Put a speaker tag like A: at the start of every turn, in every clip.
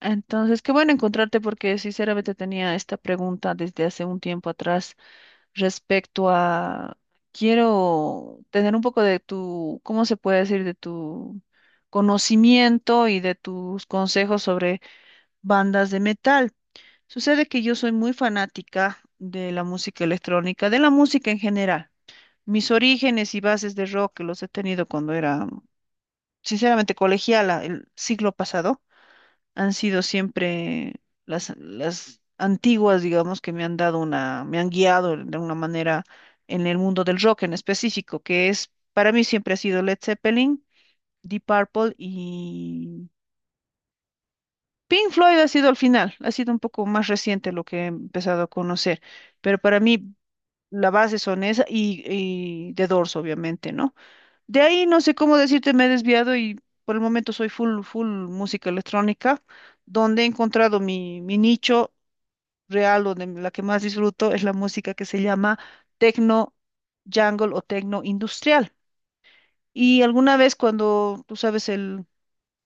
A: Entonces, qué bueno encontrarte porque sinceramente tenía esta pregunta desde hace un tiempo atrás respecto a, quiero tener un poco de tu, ¿cómo se puede decir? De tu conocimiento y de tus consejos sobre bandas de metal. Sucede que yo soy muy fanática de la música electrónica, de la música en general. Mis orígenes y bases de rock los he tenido cuando era, sinceramente, colegiala el siglo pasado han sido siempre las antiguas, digamos, que me han dado una, me han guiado de una manera en el mundo del rock en específico, que es, para mí siempre ha sido Led Zeppelin, Deep Purple y Pink Floyd ha sido al final, ha sido un poco más reciente lo que he empezado a conocer, pero para mí la base son esa y The Doors, obviamente, ¿no? De ahí no sé cómo decirte, me he desviado y por el momento soy full música electrónica, donde he encontrado mi nicho real, donde la que más disfruto es la música que se llama techno jungle o techno industrial. Y alguna vez cuando, tú sabes, el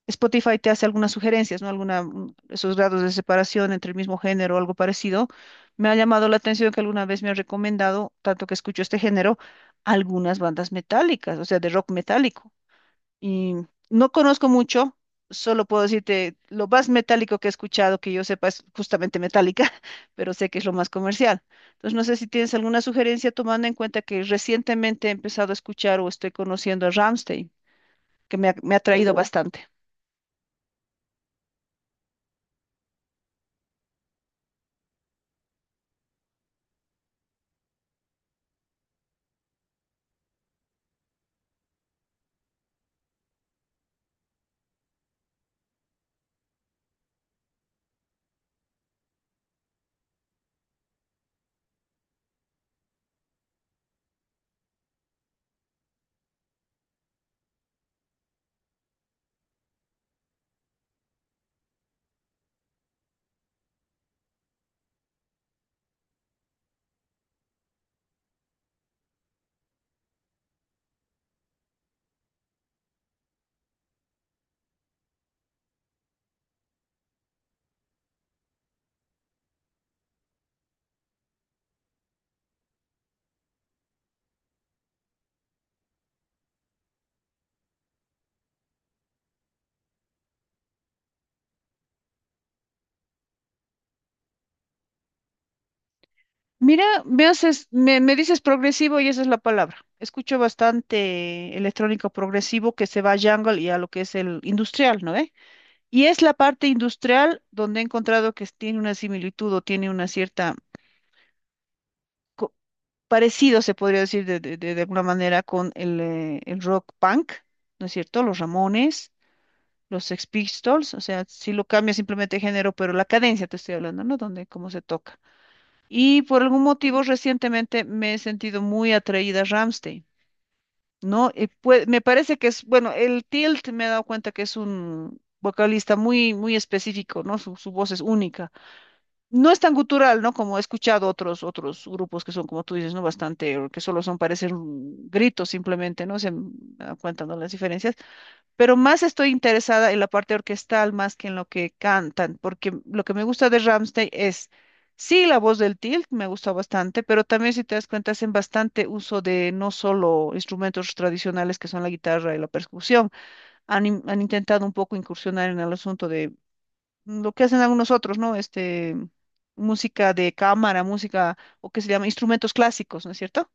A: Spotify te hace algunas sugerencias, ¿no? Alguna, esos grados de separación entre el mismo género o algo parecido, me ha llamado la atención que alguna vez me han recomendado, tanto que escucho este género, algunas bandas metálicas, o sea, de rock metálico. Y no conozco mucho, solo puedo decirte, lo más metálico que he escuchado, que yo sepa, es justamente metálica, pero sé que es lo más comercial. Entonces, no sé si tienes alguna sugerencia tomando en cuenta que recientemente he empezado a escuchar o estoy conociendo a Rammstein, que me ha atraído bastante. Mira, me haces, me dices progresivo y esa es la palabra. Escucho bastante electrónico progresivo que se va a jungle y a lo que es el industrial, ¿no? Y es la parte industrial donde he encontrado que tiene una similitud o tiene una cierta co- parecido, se podría decir de, de alguna manera, con el rock punk, ¿no es cierto? Los Ramones, los Sex Pistols, o sea, si lo cambia simplemente de género, pero la cadencia te estoy hablando, ¿no? Donde, cómo se toca. Y por algún motivo recientemente me he sentido muy atraída a Rammstein, ¿no? Y me parece que es, bueno, el Tilt me he dado cuenta que es un vocalista muy específico, ¿no? Su voz es única. No es tan gutural, ¿no? Como he escuchado otros grupos que son, como tú dices, ¿no? Bastante, o que solo son, parecen gritos simplemente, ¿no? Me dan cuenta, ¿no? Las diferencias. Pero más estoy interesada en la parte orquestal más que en lo que cantan, porque lo que me gusta de Rammstein es, sí, la voz del tilt me gusta bastante, pero también, si te das cuenta, hacen bastante uso de no solo instrumentos tradicionales que son la guitarra y la percusión, han intentado un poco incursionar en el asunto de lo que hacen algunos otros, ¿no? Música de cámara, música, o que se llama instrumentos clásicos, ¿no es cierto?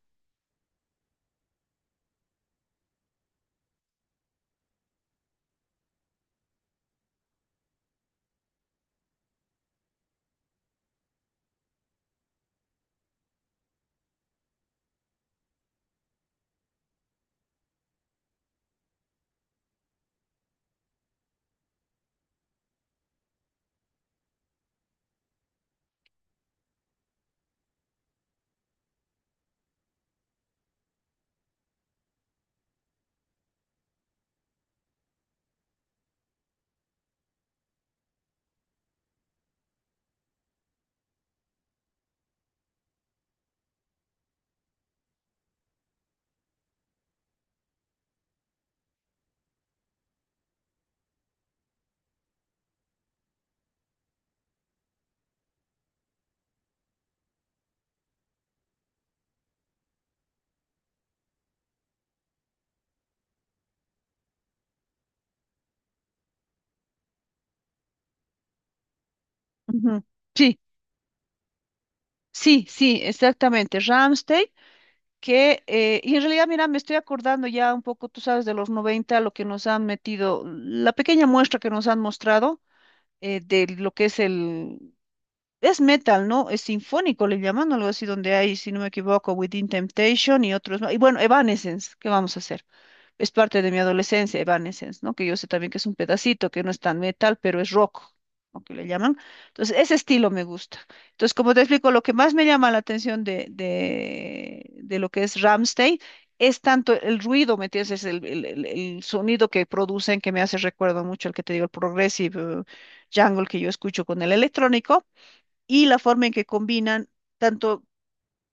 A: Ujú. Sí, sí, sí, exactamente. Rammstein, que, y en realidad, mira, me estoy acordando ya un poco, tú sabes, de los 90, lo que nos han metido, la pequeña muestra que nos han mostrado. De lo que es el... Es metal, ¿no? Es sinfónico, le llaman algo así, donde hay, si no me equivoco, Within Temptation y otros más. Y bueno, Evanescence, ¿qué vamos a hacer? Es parte de mi adolescencia, Evanescence, ¿no? Que yo sé también que es un pedacito, que no es tan metal, pero es rock, ¿no? que le llaman. Entonces, ese estilo me gusta. Entonces, como te explico, lo que más me llama la atención de lo que es Ramstein es tanto el ruido, ¿me entiendes? Es el sonido que producen que me hace recuerdo mucho el que te digo, el progressive jungle que yo escucho con el electrónico y la forma en que combinan tanto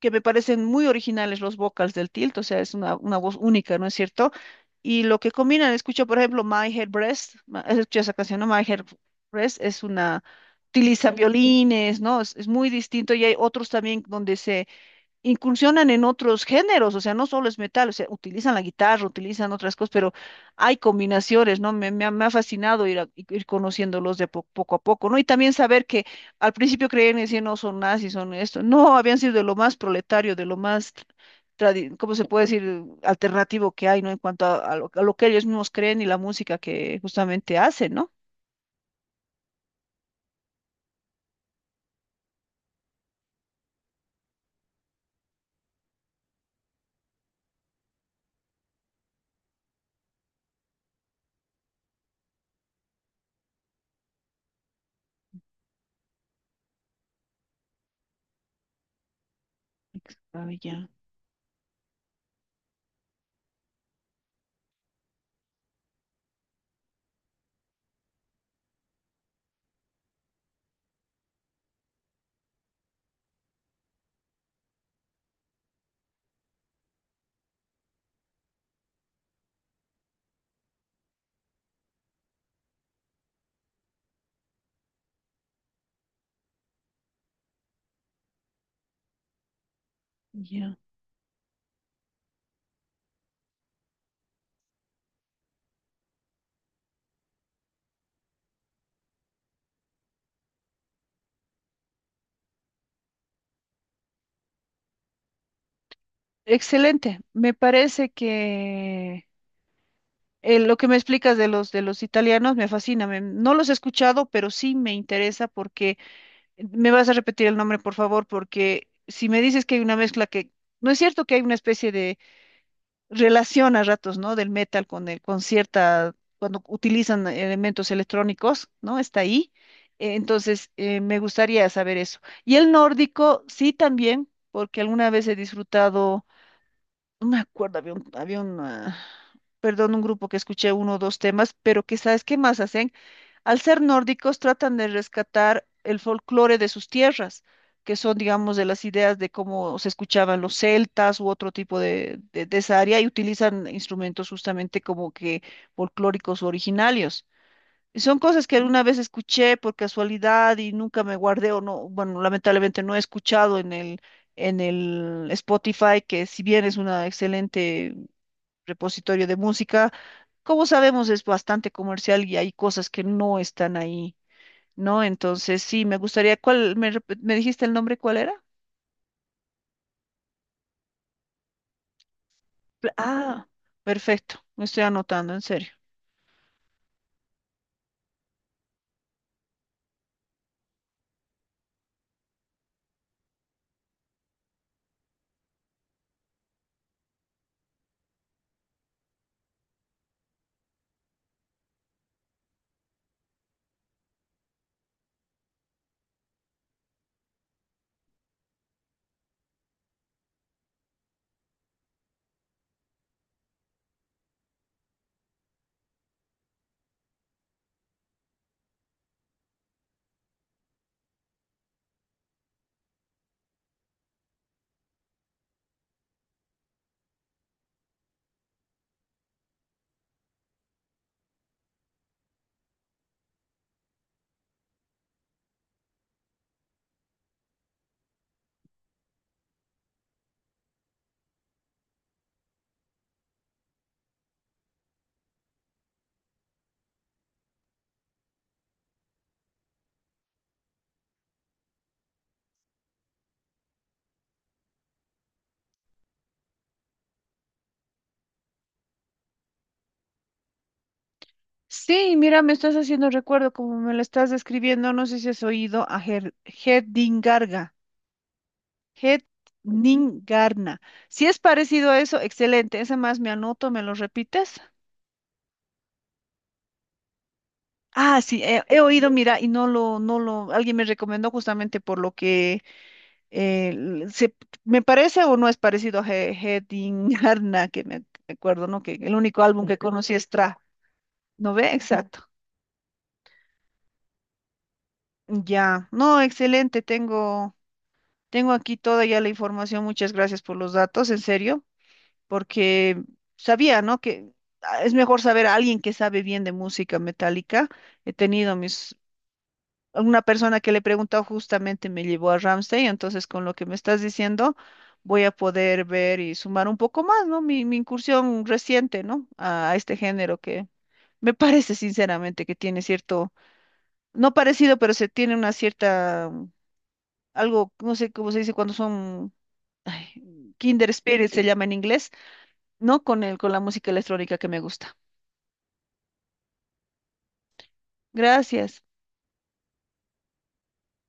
A: que me parecen muy originales los vocals del Tilt, o sea, es una voz única, ¿no es cierto? Y lo que combinan, escucho por ejemplo My Head Breast, has escuchado esa canción, ¿no? My Head Breast es una, utiliza violines, ¿no? Es muy distinto y hay otros también donde se incursionan en otros géneros, o sea, no solo es metal, o sea, utilizan la guitarra, utilizan otras cosas, pero hay combinaciones, ¿no? Me ha fascinado ir conociéndolos de poco a poco, ¿no? Y también saber que al principio creían y decían, no, son nazis, son esto, no, habían sido de lo más proletario, de lo más, ¿cómo se puede decir?, alternativo que hay, ¿no? En cuanto a, a lo que ellos mismos creen y la música que justamente hacen, ¿no? Ex- ah, ya, ya. Excelente, me parece que... lo que me explicas de los italianos me fascina. No los he escuchado, pero sí me interesa porque me vas a repetir el nombre, por favor, porque si me dices que hay una mezcla que no es cierto que hay una especie de relación a ratos, ¿no? Del metal con el con cierta cuando utilizan elementos electrónicos, ¿no? Está ahí. Entonces me gustaría saber eso. Y el nórdico sí también, porque alguna vez he disfrutado no me acuerdo, había un, perdón, un grupo que escuché uno o dos temas, pero que sabes qué más hacen. Al ser nórdicos, tratan de rescatar el folclore de sus tierras, que son, digamos, de las ideas de cómo se escuchaban los celtas u otro tipo de esa área, y utilizan instrumentos justamente como que folclóricos originarios. Son cosas que alguna vez escuché por casualidad y nunca me guardé o no, bueno, lamentablemente no he escuchado en el Spotify, que si bien es un excelente repositorio de música, como sabemos es bastante comercial y hay cosas que no están ahí, ¿no? Entonces sí, me gustaría, ¿cuál, me, me dijiste el nombre, cuál era? Pla- Ah, perfecto, me estoy anotando, en serio. Sí, mira, me estás haciendo recuerdo, como me lo estás describiendo, no sé si has oído a Garga. Het Ningarna. Si es parecido a eso, excelente. Esa más me anoto, ¿me lo repites? Ah, sí, he, he oído, mira, y no lo, alguien me recomendó justamente por lo que se, me parece o no es parecido a Hedingarna, que me acuerdo, ¿no? Que el único álbum que conocí es Tra, ¿no ve? Exacto. Ya, no, excelente, tengo aquí toda ya la información, muchas gracias por los datos, en serio. Porque sabía, ¿no? Que ah, es mejor saber a alguien que sabe bien de música metálica. He tenido mis... Una persona que le he preguntado justamente me llevó a Ramsey, entonces con lo que me estás diciendo voy a poder ver y sumar un poco más, ¿no? Mi incursión reciente, ¿no? A este género que me parece sinceramente que tiene cierto, no parecido, pero se tiene una cierta, algo, no sé cómo se dice cuando son, ay, Kinder Spirit se llama en inglés no con el, con la música electrónica que me gusta. Gracias.